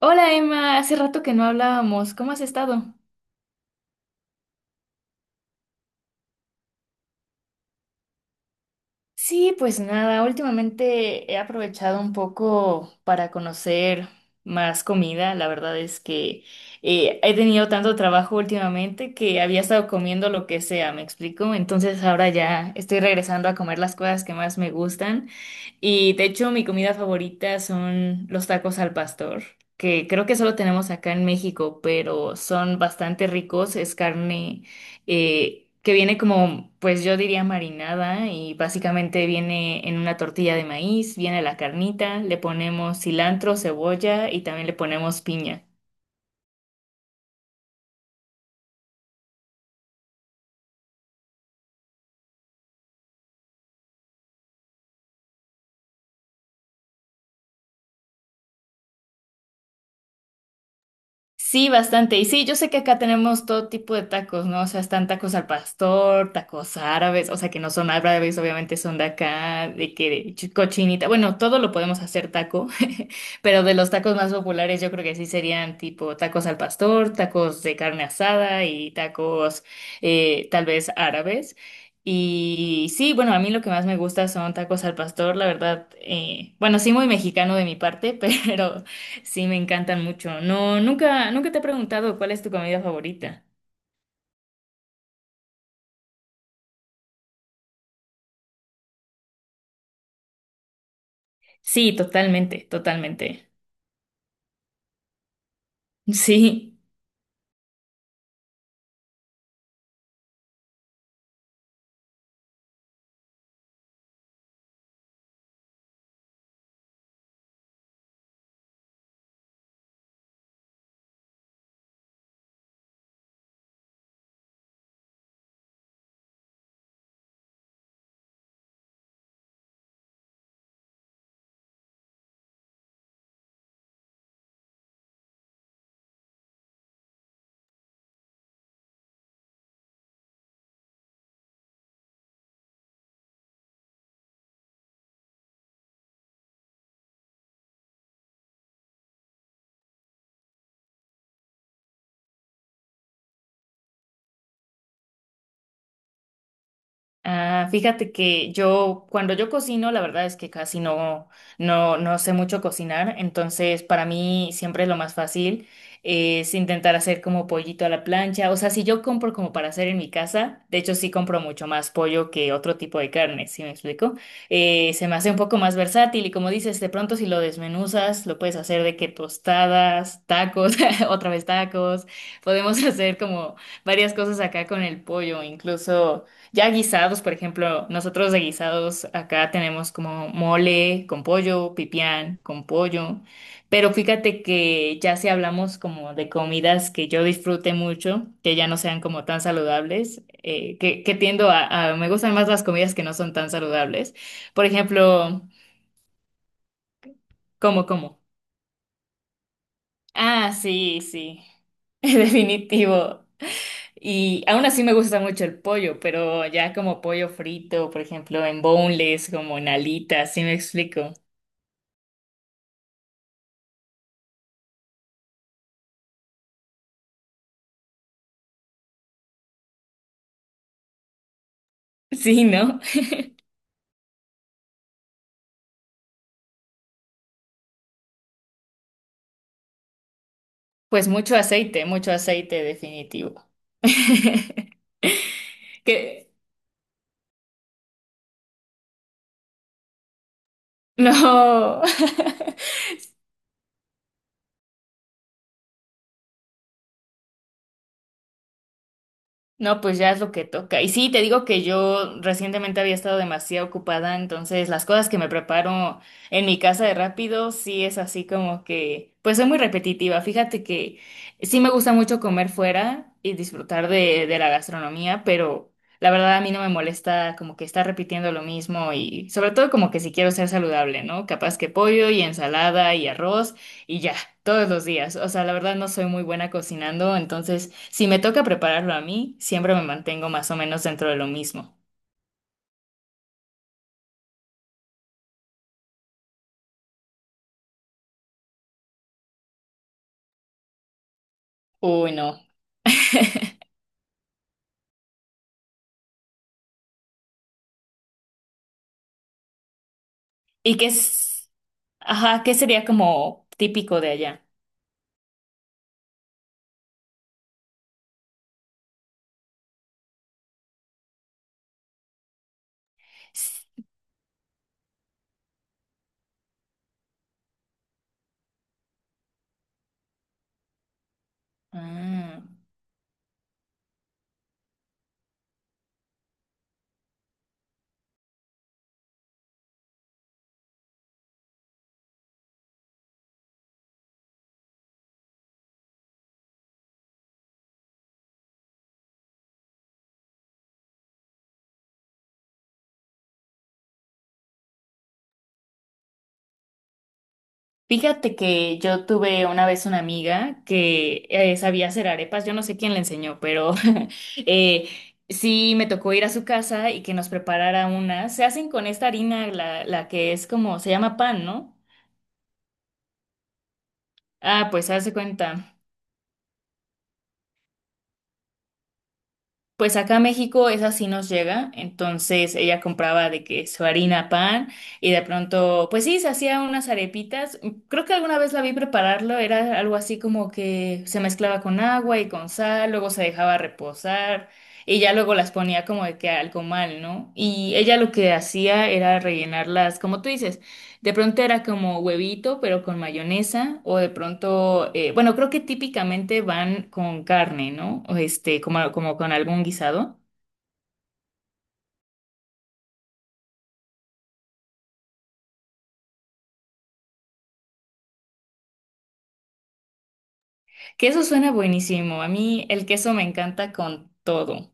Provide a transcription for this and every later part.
Hola Emma, hace rato que no hablábamos, ¿cómo has estado? Sí, pues nada, últimamente he aprovechado un poco para conocer más comida. La verdad es que he tenido tanto trabajo últimamente que había estado comiendo lo que sea, ¿me explico? Entonces ahora ya estoy regresando a comer las cosas que más me gustan. Y de hecho, mi comida favorita son los tacos al pastor, que creo que solo tenemos acá en México, pero son bastante ricos. Es carne que viene como, pues yo diría marinada, y básicamente viene en una tortilla de maíz, viene la carnita, le ponemos cilantro, cebolla y también le ponemos piña. Sí, bastante. Y sí, yo sé que acá tenemos todo tipo de tacos, ¿no? O sea, están tacos al pastor, tacos árabes, o sea, que no son árabes, obviamente son de acá, de que cochinita. Bueno, todo lo podemos hacer taco, pero de los tacos más populares yo creo que sí serían tipo tacos al pastor, tacos de carne asada y tacos tal vez árabes. Y sí, bueno, a mí lo que más me gusta son tacos al pastor, la verdad, bueno, sí, muy mexicano de mi parte, pero sí, me encantan mucho. No, nunca, nunca te he preguntado cuál es tu comida favorita. Sí, totalmente, totalmente. Sí. Ah, fíjate que yo, cuando yo cocino, la verdad es que casi no, no sé mucho cocinar, entonces para mí siempre lo más fácil es intentar hacer como pollito a la plancha. O sea, si yo compro como para hacer en mi casa, de hecho sí compro mucho más pollo que otro tipo de carne, ¿sí me explico? Se me hace un poco más versátil y como dices, de pronto si lo desmenuzas, lo puedes hacer de que tostadas, tacos, otra vez tacos, podemos hacer como varias cosas acá con el pollo, incluso... Ya guisados, por ejemplo, nosotros de guisados acá tenemos como mole con pollo, pipián con pollo, pero fíjate que ya si hablamos como de comidas que yo disfrute mucho, que ya no sean como tan saludables, que, tiendo a, me gustan más las comidas que no son tan saludables. Por ejemplo, ¿cómo, cómo? Ah, sí, sí, definitivo. Y aún así me gusta mucho el pollo, pero ya como pollo frito, por ejemplo, en boneless, como en alitas, ¿sí me explico? Sí, ¿no? Pues mucho aceite definitivo. Que no. No, pues ya es lo que toca. Y sí, te digo que yo recientemente había estado demasiado ocupada, entonces las cosas que me preparo en mi casa de rápido, sí es así como que, pues soy muy repetitiva. Fíjate que sí me gusta mucho comer fuera y disfrutar de, la gastronomía, pero la verdad a mí no me molesta como que estar repitiendo lo mismo, y sobre todo como que si quiero ser saludable, ¿no? Capaz que pollo y ensalada y arroz y ya, todos los días. O sea, la verdad no soy muy buena cocinando, entonces... si me toca prepararlo a mí, siempre me mantengo más o menos dentro de lo mismo. Uy, no. ¿Y qué es? Ajá, ¿qué sería como típico de allá? S- Ah, fíjate que yo tuve una vez una amiga que sabía hacer arepas, yo no sé quién le enseñó, pero eh, sí me tocó ir a su casa y que nos preparara una. Se hacen con esta harina, la que es como, se llama pan, ¿no? Ah, pues se hace cuenta. Pues acá a México esa sí nos llega, entonces ella compraba de que su harina pan y de pronto, pues sí, se hacía unas arepitas. Creo que alguna vez la vi prepararlo, era algo así como que se mezclaba con agua y con sal, luego se dejaba reposar y ya luego las ponía como de que algo mal, ¿no? Y ella lo que hacía era rellenarlas, como tú dices. De pronto era como huevito, pero con mayonesa, o de pronto, bueno, creo que típicamente van con carne, ¿no? O este, como, con algún guisado. Que eso suena buenísimo. A mí el queso me encanta con todo.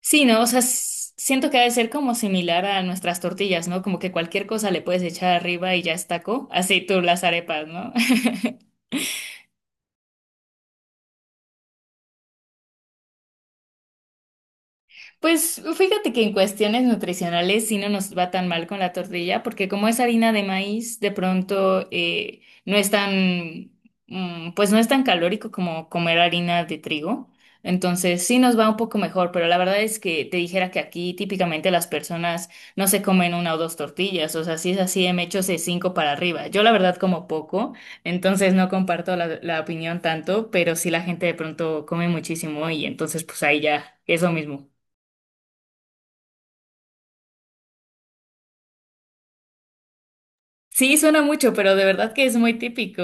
Sí, ¿no? O sea, siento que ha de ser como similar a nuestras tortillas, ¿no? Como que cualquier cosa le puedes echar arriba y ya es taco. Así tú las arepas, ¿no? Pues fíjate que en cuestiones nutricionales sí no nos va tan mal con la tortilla, porque como es harina de maíz, de pronto no es tan, mm, pues no es tan calórico como comer harina de trigo. Entonces sí nos va un poco mejor, pero la verdad es que te dijera que aquí típicamente las personas no se comen una o dos tortillas, o sea, si es así, me echo de cinco para arriba. Yo la verdad como poco, entonces no comparto la, opinión tanto, pero sí la gente de pronto come muchísimo y entonces pues ahí ya es lo mismo. Sí, suena mucho, pero de verdad que es muy típico.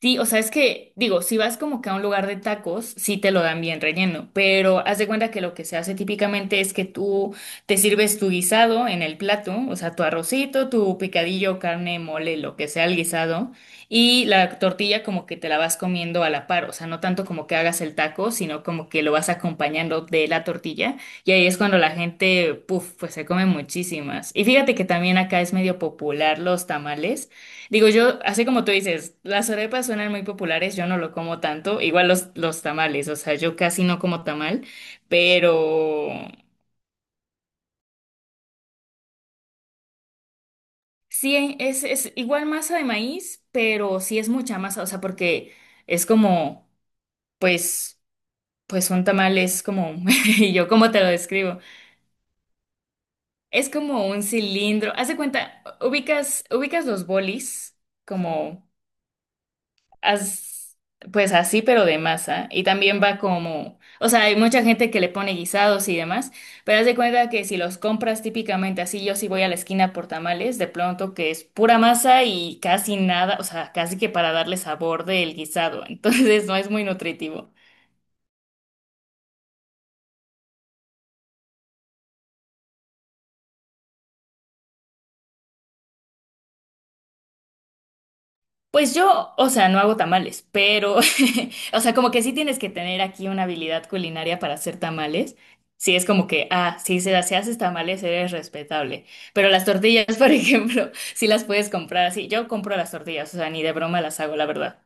Sí, o sea, es que, digo, si vas como que a un lugar de tacos, sí te lo dan bien relleno, pero haz de cuenta que lo que se hace típicamente es que tú te sirves tu guisado en el plato, o sea, tu arrocito, tu picadillo, carne, mole, lo que sea el guisado, y la tortilla como que te la vas comiendo a la par, o sea, no tanto como que hagas el taco, sino como que lo vas acompañando de la tortilla, y ahí es cuando la gente, puf, pues se come muchísimas. Y fíjate que también acá es medio popular los tamales. Digo yo, así como tú dices, las arepas suenan muy populares, yo no lo como tanto, igual los, tamales, o sea, yo casi no como tamal, pero sí, es igual masa de maíz, pero sí es mucha masa, o sea, porque es como, pues, un tamal es como, y yo cómo te lo describo, es como un cilindro, haz de cuenta, ubicas, ubicas los bolis, como... as- pues así, pero de masa. Y también va como, o sea, hay mucha gente que le pone guisados y demás, pero haz de cuenta que si los compras típicamente así, yo sí voy a la esquina por tamales, de pronto que es pura masa y casi nada, o sea, casi que para darle sabor del guisado, entonces no es muy nutritivo. Pues yo, o sea, no hago tamales, pero, o sea, como que sí tienes que tener aquí una habilidad culinaria para hacer tamales. Sí, es como que, ah, sí, si, si haces tamales eres respetable. Pero las tortillas, por ejemplo, sí las puedes comprar así. Yo compro las tortillas, o sea, ni de broma las hago, la verdad.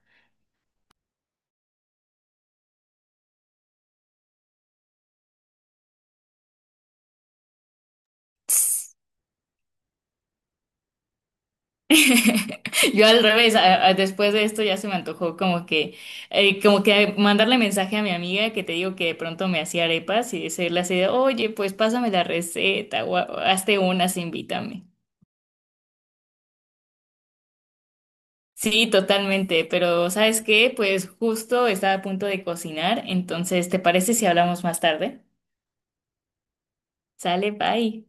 Yo al revés, después de esto ya se me antojó como que mandarle mensaje a mi amiga que te digo que de pronto me hacía arepas y decirle así de, oye, pues pásame la receta o hazte unas, invítame. Sí, totalmente, pero ¿sabes qué? Pues justo estaba a punto de cocinar, entonces, ¿te parece si hablamos más tarde? Sale, bye.